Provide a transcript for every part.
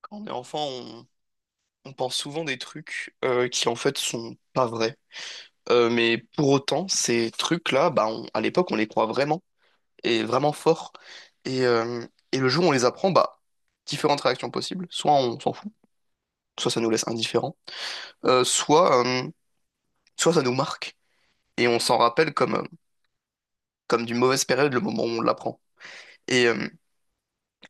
Quand on est enfant, on pense souvent des trucs qui en fait sont pas vrais. Mais pour autant, ces trucs-là, bah, on- à l'époque, on les croit vraiment et vraiment fort. Et, euh, et le jour où on les apprend, bah, différentes réactions possibles. Soit on s'en fout, soit ça nous laisse indifférents, euh, soit, euh, soit ça nous marque et on s'en rappelle comme d'une mauvaise période le moment où on l'apprend. Et euh,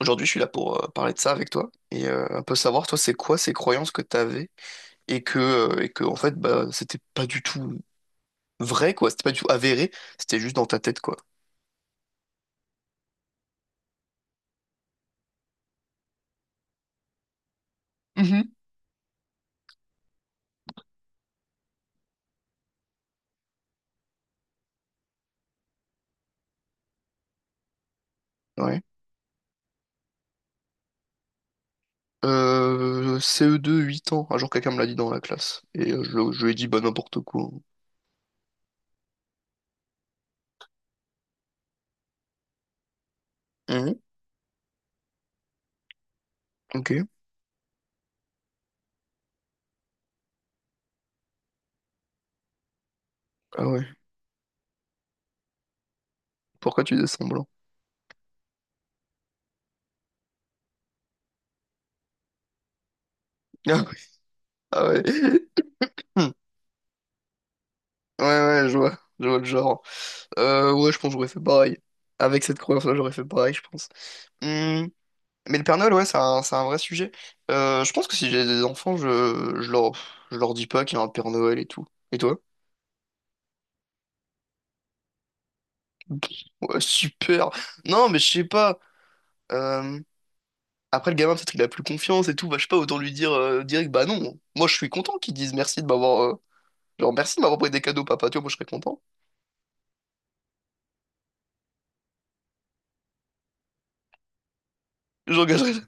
Aujourd'hui, je suis là pour parler de ça avec toi et un peu savoir, toi, c'est quoi ces croyances que tu avais et que en fait, bah, c'était pas du tout vrai, quoi. C'était pas du tout avéré, c'était juste dans ta tête, quoi. Mhm. Ouais. CE2 8 ans. Un jour, quelqu'un me l'a dit dans la classe. Je lui ai dit, bah, n'importe quoi. Mhm. Ok. Ah ouais. Pourquoi tu fais semblant? Ah ouais. Ah ouais. Hmm. Ouais, ouais, je vois. Je vois le genre. Ouais, je pense que j'aurais fait pareil. Avec cette croyance-là, j'aurais fait pareil, je pense. Hmm. Mais le Père Noël, ouais, c'est un vrai sujet. Je pense que si j'ai des enfants, je leur dis pas qu'il y a un Père Noël et tout. Et toi? Ouais, super. Non, mais je sais pas. euh, Après, le gamin, peut-être il a plus confiance et tout. Bah, je sais pas, autant lui dire direct, bah non. Moi, je suis content qu'ils disent merci de m'avoir, genre, merci de m'avoir pris des cadeaux, papa. Tu vois, moi, je serais content. J'engagerais.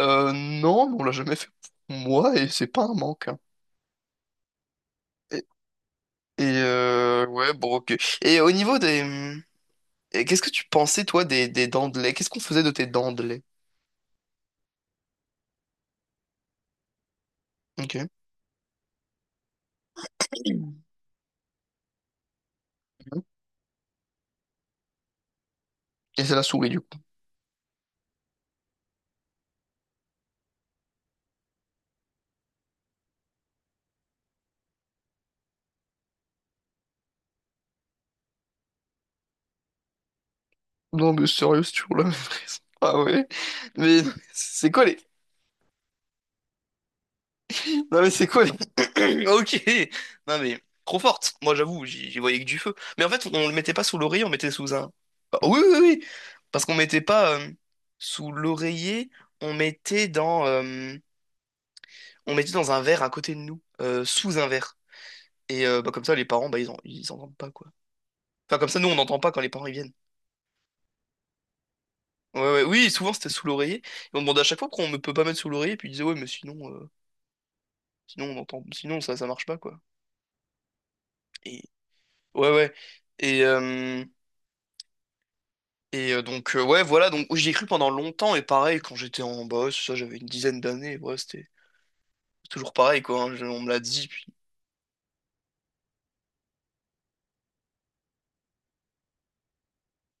Non, mais on l'a jamais fait pour moi et c'est pas un manque, hein. Et, ouais, bon, ok. Et au niveau des... et qu'est-ce que tu pensais, toi, des dents de lait? Qu'est-ce qu'on faisait de tes dents de lait? Ok. Et c'est la souris, du coup. Non, mais sérieux, c'est toujours la même raison. Ah ouais? Mais c'est quoi les... Non, mais c'est quoi les... Ok! Non, mais trop forte. Moi, j'avoue, j'y voyais que du feu. Mais en fait, on le mettait pas sous l'oreiller, on mettait sous un... Ah, oui, oui, oui! Parce qu'on mettait pas sous l'oreiller, on mettait dans... euh, on mettait dans un verre à côté de nous, sous un verre. Bah, comme ça, les parents, bah, ils entendent pas, quoi. Enfin, comme ça, nous, on n'entend pas quand les parents, ils viennent. Ouais, ouais, oui, souvent, c'était sous l'oreiller. Et on demandait à chaque fois pourquoi on ne peut pas mettre sous l'oreiller. Puis ils disaient, ouais, mais sinon... sinon, on entend, sinon ça marche pas, quoi. Et ouais, ouais. Et, euh, ouais, voilà. Donc, j'y ai cru pendant longtemps. Et pareil, quand j'étais en boss, ça, j'avais une dizaine d'années. Ouais, c'était toujours pareil, quoi, hein. On me l'a dit, puis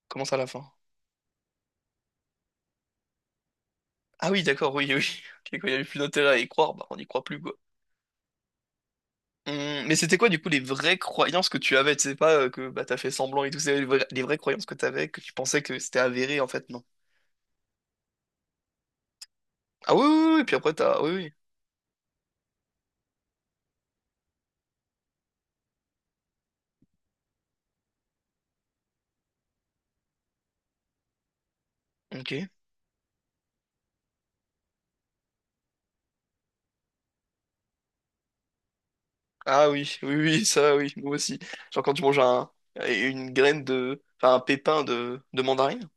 commence à la fin. Ah oui, d'accord, oui, oui. Ok, quand il n'y avait plus d'intérêt à y croire, bah, on n'y croit plus, quoi. Mais c'était quoi, du coup, les vraies croyances que tu avais? Tu sais pas que bah, t'as fait semblant et tout, c'est les, les vraies croyances que t'avais, que tu pensais que c'était avéré, en fait, non. Ah oui, oui, oui, oui, puis après, t'as. Oui, oui. Ok. Ah oui, oui, oui, ça, oui, moi aussi. Genre quand tu manges un, une graine de, enfin un pépin de mandarine.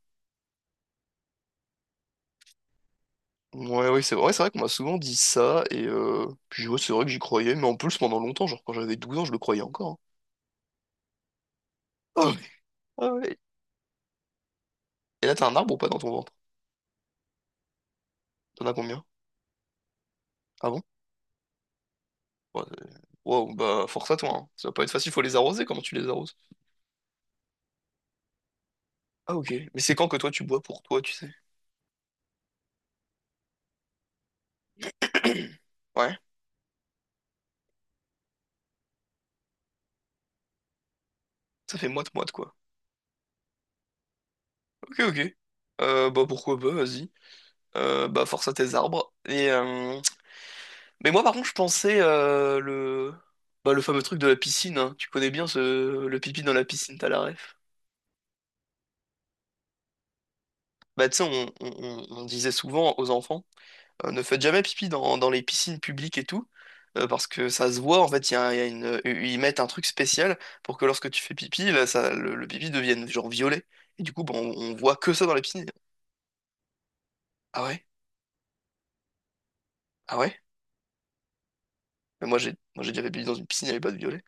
Ouais, oui, c'est vrai qu'on m'a souvent dit ça, puis ouais, c'est vrai que j'y croyais, mais en plus pendant longtemps, genre quand j'avais 12 ans, je le croyais encore, hein. Ah ouais, ah ouais. Et là, t'as un arbre ou pas dans ton ventre? T'en as combien? Ah bon? Ouais, euh, Wow, bah force à toi, hein. Ça va pas être facile, faut les arroser, comment tu les arroses? Ah ok, mais c'est quand que toi tu bois pour toi, tu sais? Ouais, ça fait moite-moite, quoi. Ok, ok. Bah pourquoi pas, vas-y. Bah force à tes arbres. Mais moi par contre je pensais le... Bah, le fameux truc de la piscine, hein. Tu connais bien ce... le pipi dans la piscine, t'as la ref. Bah tu sais, on disait souvent aux enfants, ne faites jamais pipi dans, dans les piscines publiques et tout, parce que ça se voit, en fait, il y a une... ils mettent un truc spécial pour que lorsque tu fais pipi, là, ça, le pipi devienne genre violet. Et du coup, bah, on voit que ça dans les piscines. Ah ouais? Ah ouais? Mais moi j'ai déjà fait pipi dans une piscine, il n'y avait pas de violet.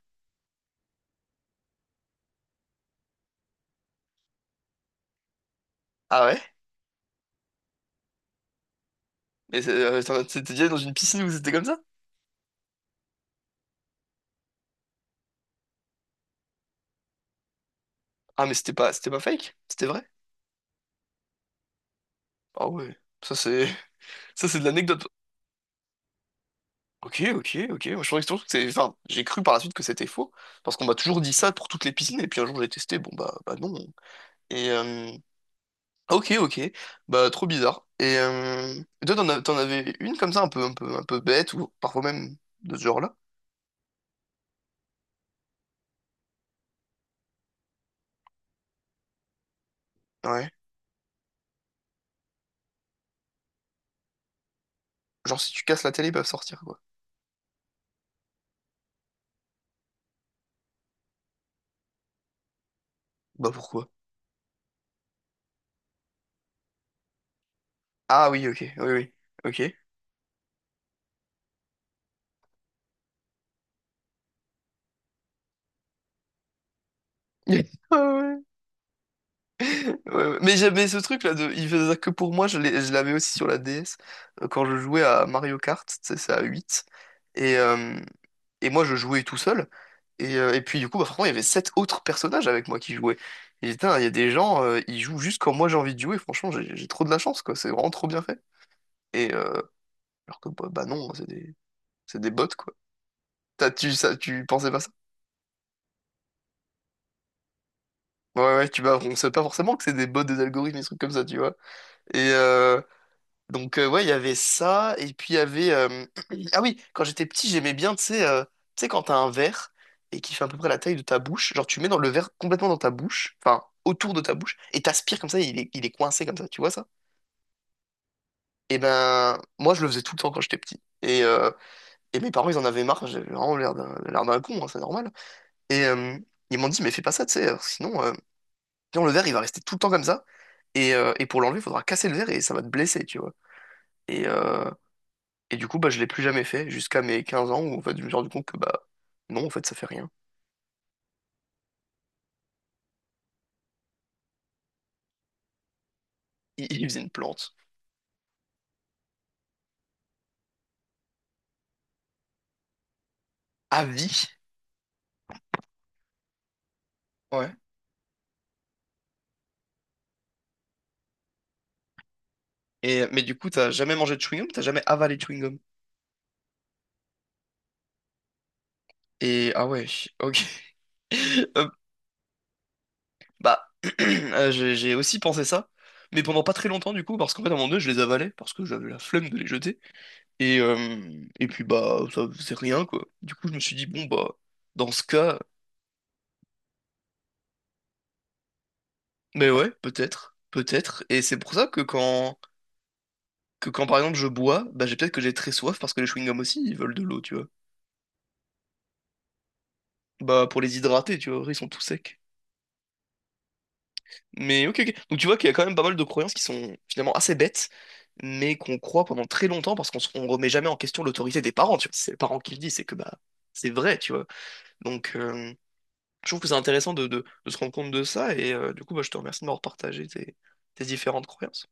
Ah ouais? Mais c'est- t'es déjà dans une piscine où c'était comme ça? Ah, mais c'était pas fake? C'était vrai? Ah ouais. Ça, c'est, ça, c'est de l'anecdote. Ok, ok, ok. Moi, je pensais toujours que c'est, enfin, j'ai cru par la suite que c'était faux. Parce qu'on m'a toujours dit ça pour toutes les piscines. Et puis un jour, j'ai testé. Bon, bah, bah non. Et, euh, ok, ok. Bah, trop bizarre. Et toi, t'en avais une comme ça, un peu, un peu, un peu bête, ou parfois même de ce genre-là? Ouais. Genre, si tu casses la télé, ils peuvent sortir, quoi. Bah, pourquoi? Ah oui, ok. Oui, oui. Ok. Ah ouais. Ouais, ouais. Mais j'avais ce truc là de il faisait ça que pour moi, je l'avais aussi sur la DS quand je jouais à Mario Kart, tu sais, c'est à 8 et euh, et moi je jouais tout seul et puis du coup bah franchement, il y avait sept autres personnages avec moi qui jouaient. Et putain, il y a des gens ils jouent juste quand moi j'ai envie de jouer, franchement, j'ai trop de la chance quoi, c'est vraiment trop bien fait. Et euh, alors que bah, bah non, c'est des bots quoi. T'as tu ça tu pensais pas ça? Ouais ouais, tu bah on sait pas forcément que c'est des bots des algorithmes des trucs comme ça, tu vois. Et euh, ouais, il y avait ça, et puis il y avait... Ah oui, quand j'étais petit, j'aimais bien, tu sais, quand t'as un verre et qui fait à peu près la taille de ta bouche, genre tu mets dans le verre complètement dans ta bouche, enfin autour de ta bouche, et t'aspires comme ça, il est coincé comme ça, tu vois ça? Et ben, moi je le faisais tout le temps quand j'étais petit. Et mes parents, ils en avaient marre, j'avais vraiment l'air d'un con, hein, c'est normal. Et euh, Ils m'ont dit, mais fais pas ça, tu sais, sinon le verre, il va rester tout le temps comme ça, et pour l'enlever, il faudra casser le verre et ça va te blesser, tu vois. Et, euh, Et du coup, bah, je l'ai plus jamais fait jusqu'à mes 15 ans où en fait, je me suis rendu compte que bah non, en fait, ça fait rien. Il faisait une plante. À vie? Ouais. Et, mais du coup, t'as jamais mangé de chewing-gum, t'as jamais avalé de chewing-gum. Et ah ouais, ok. Euh, bah, j'ai aussi pensé ça, mais pendant pas très longtemps du coup, parce qu'en fait, à un moment donné, je les avalais, parce que j'avais la flemme de les jeter. Et, euh, et puis, bah, ça faisait rien, quoi. Du coup, je me suis dit, bon, bah, dans ce cas, mais ouais, peut-être, peut-être. Et c'est pour ça que quand. Que quand par exemple je bois, bah j'ai peut-être que j'ai très soif parce que les chewing-gums aussi ils veulent de l'eau, tu vois. Bah pour les hydrater, tu vois, ils sont tout secs. Mais ok, ok. Donc tu vois qu'il y a quand même pas mal de croyances qui sont finalement assez bêtes, mais qu'on croit pendant très longtemps parce qu'on on remet jamais en question l'autorité des parents, tu vois. Si c'est les parents qui le disent, c'est que bah c'est vrai, tu vois. Donc euh, je trouve que c'est intéressant de se rendre compte de ça du coup bah, je te remercie de m'avoir partagé tes, tes différentes croyances.